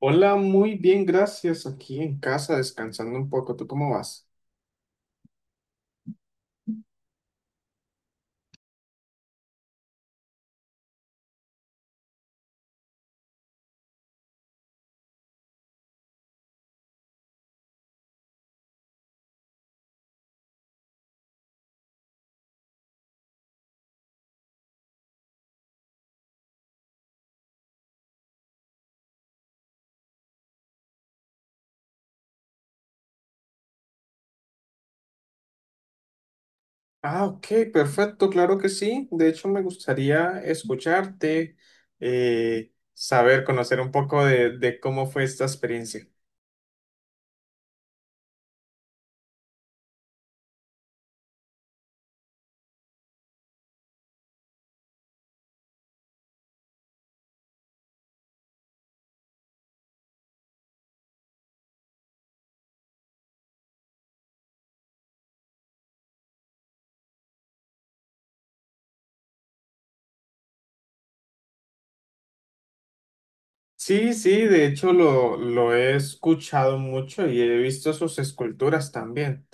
Hola, muy bien, gracias. Aquí en casa descansando un poco. ¿Tú cómo vas? Ah, ok, perfecto, claro que sí. De hecho, me gustaría escucharte, saber, conocer un poco de cómo fue esta experiencia. Sí, sí, de hecho lo he escuchado mucho y he visto sus esculturas también.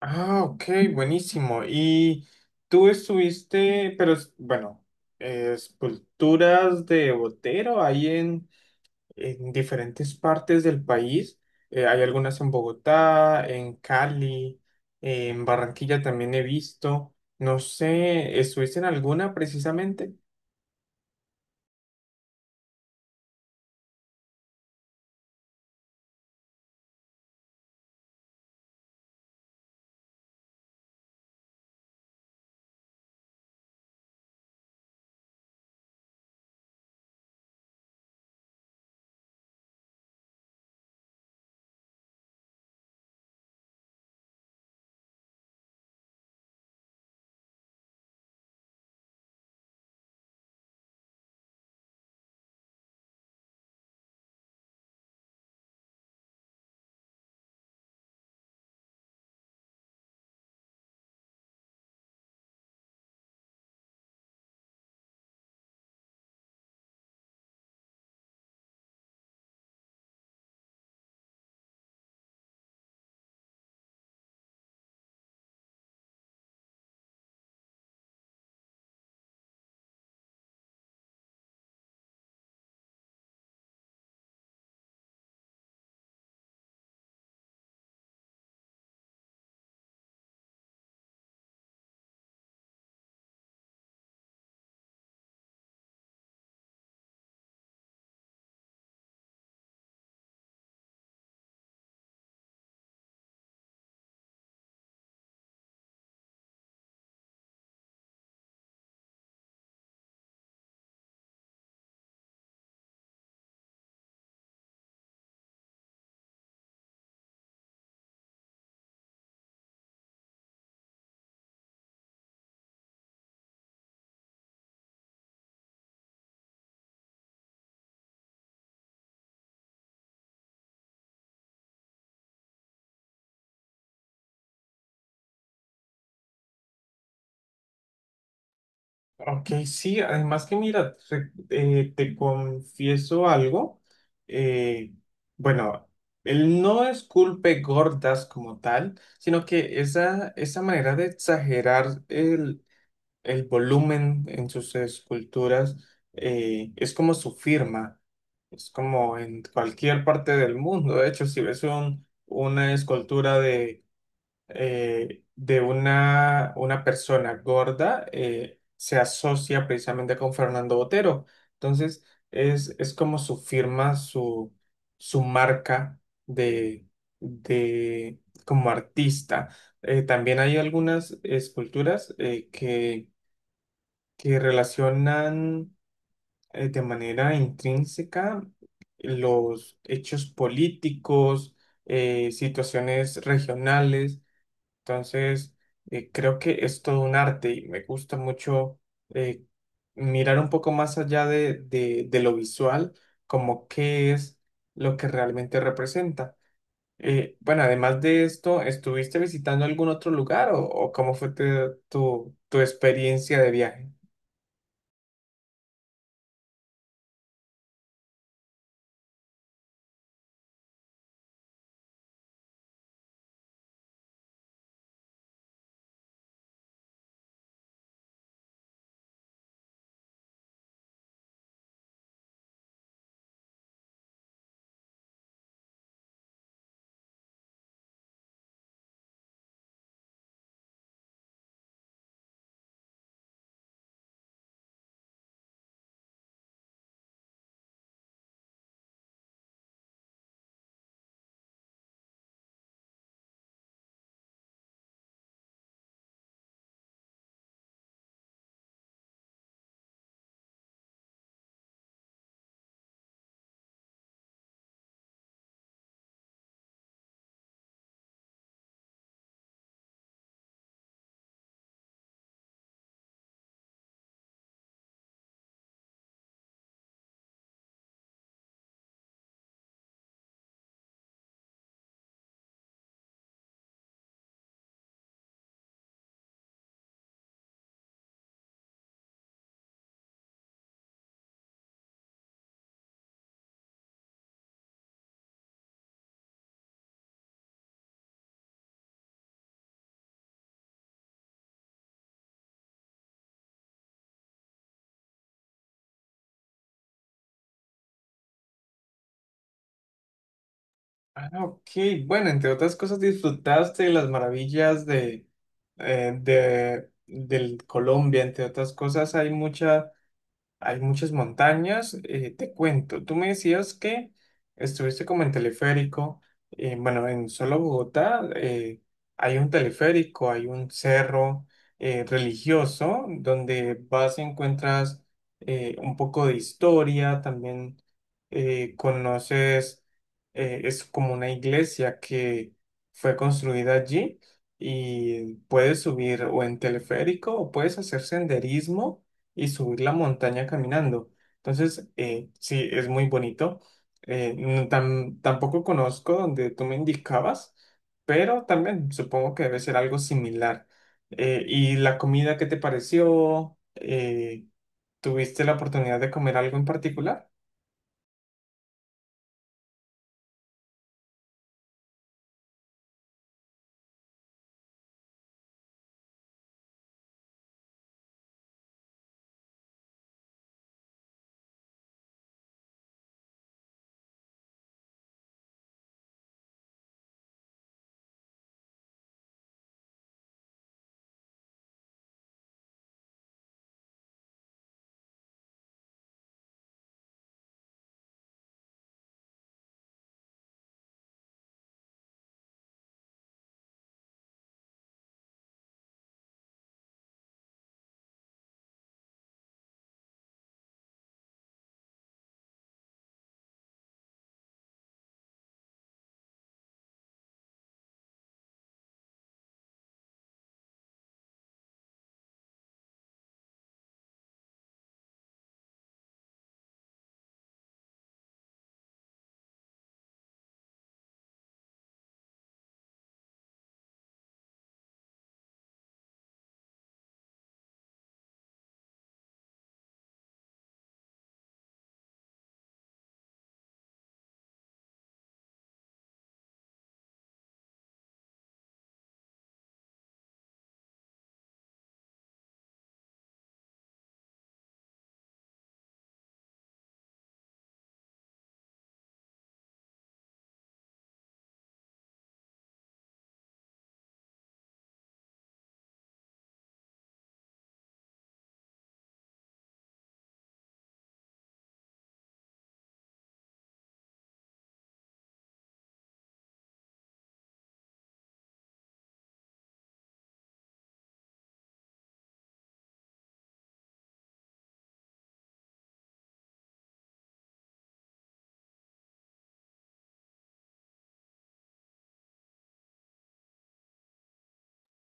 Ah, ok, buenísimo. Y tú estuviste, pero bueno, esculturas de Botero ahí en diferentes partes del país. Hay algunas en Bogotá, en Cali, en Barranquilla también he visto. No sé, ¿estuviste en alguna precisamente? Ok, sí, además que mira, te confieso algo. eh, bueno, él no es culpe gordas como tal, sino que esa manera de exagerar el volumen en sus esculturas es como su firma, es como en cualquier parte del mundo. De hecho, si ves una escultura de una persona gorda, se asocia precisamente con Fernando Botero. Entonces, es como su firma, su marca de, de, como artista. También hay algunas esculturas que relacionan de manera intrínseca los hechos políticos, situaciones regionales. Entonces, creo que es todo un arte y me gusta mucho eh, mirar un poco más allá de, de lo visual, como qué es lo que realmente representa. Bueno, además de esto, ¿estuviste visitando algún otro lugar o cómo fue tu, tu experiencia de viaje? Ah, ok. Bueno, entre otras cosas, disfrutaste de las maravillas de, del Colombia. Entre otras cosas, hay muchas. Hay muchas montañas. Te cuento, tú me decías que estuviste como en teleférico. Bueno, en solo Bogotá hay un teleférico, hay un cerro religioso donde vas y encuentras un poco de historia. También conoces, es como una iglesia que fue construida allí y puedes subir o en teleférico o puedes hacer senderismo y subir la montaña caminando. Entonces, sí, es muy bonito. No tampoco conozco donde tú me indicabas, pero también supongo que debe ser algo similar. ¿Y la comida qué te pareció? ¿Tuviste la oportunidad de comer algo en particular?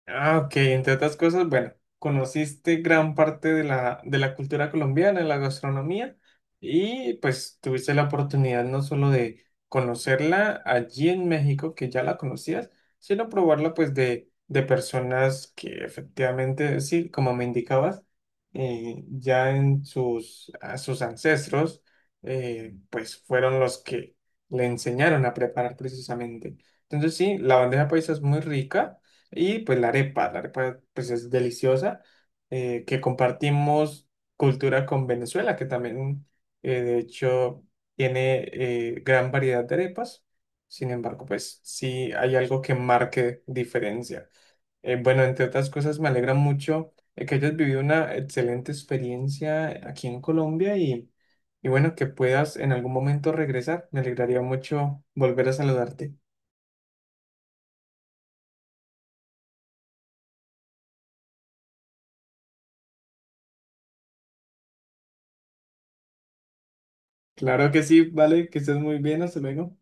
Ah, ok, entre otras cosas, bueno, conociste gran parte de de la cultura colombiana, de la gastronomía, y pues tuviste la oportunidad no solo de conocerla allí en México, que ya la conocías, sino probarla pues de personas que efectivamente, sí, como me indicabas, ya en sus, a sus ancestros, pues fueron los que le enseñaron a preparar precisamente. Entonces sí, la bandeja paisa es muy rica. Y pues la arepa pues es deliciosa, que compartimos cultura con Venezuela, que también de hecho tiene gran variedad de arepas. Sin embargo, pues sí hay algo que marque diferencia. Bueno, entre otras cosas, me alegra mucho que hayas vivido una excelente experiencia aquí en Colombia y bueno, que puedas en algún momento regresar. Me alegraría mucho volver a saludarte. Claro que sí, vale, que estés muy bien, hasta luego.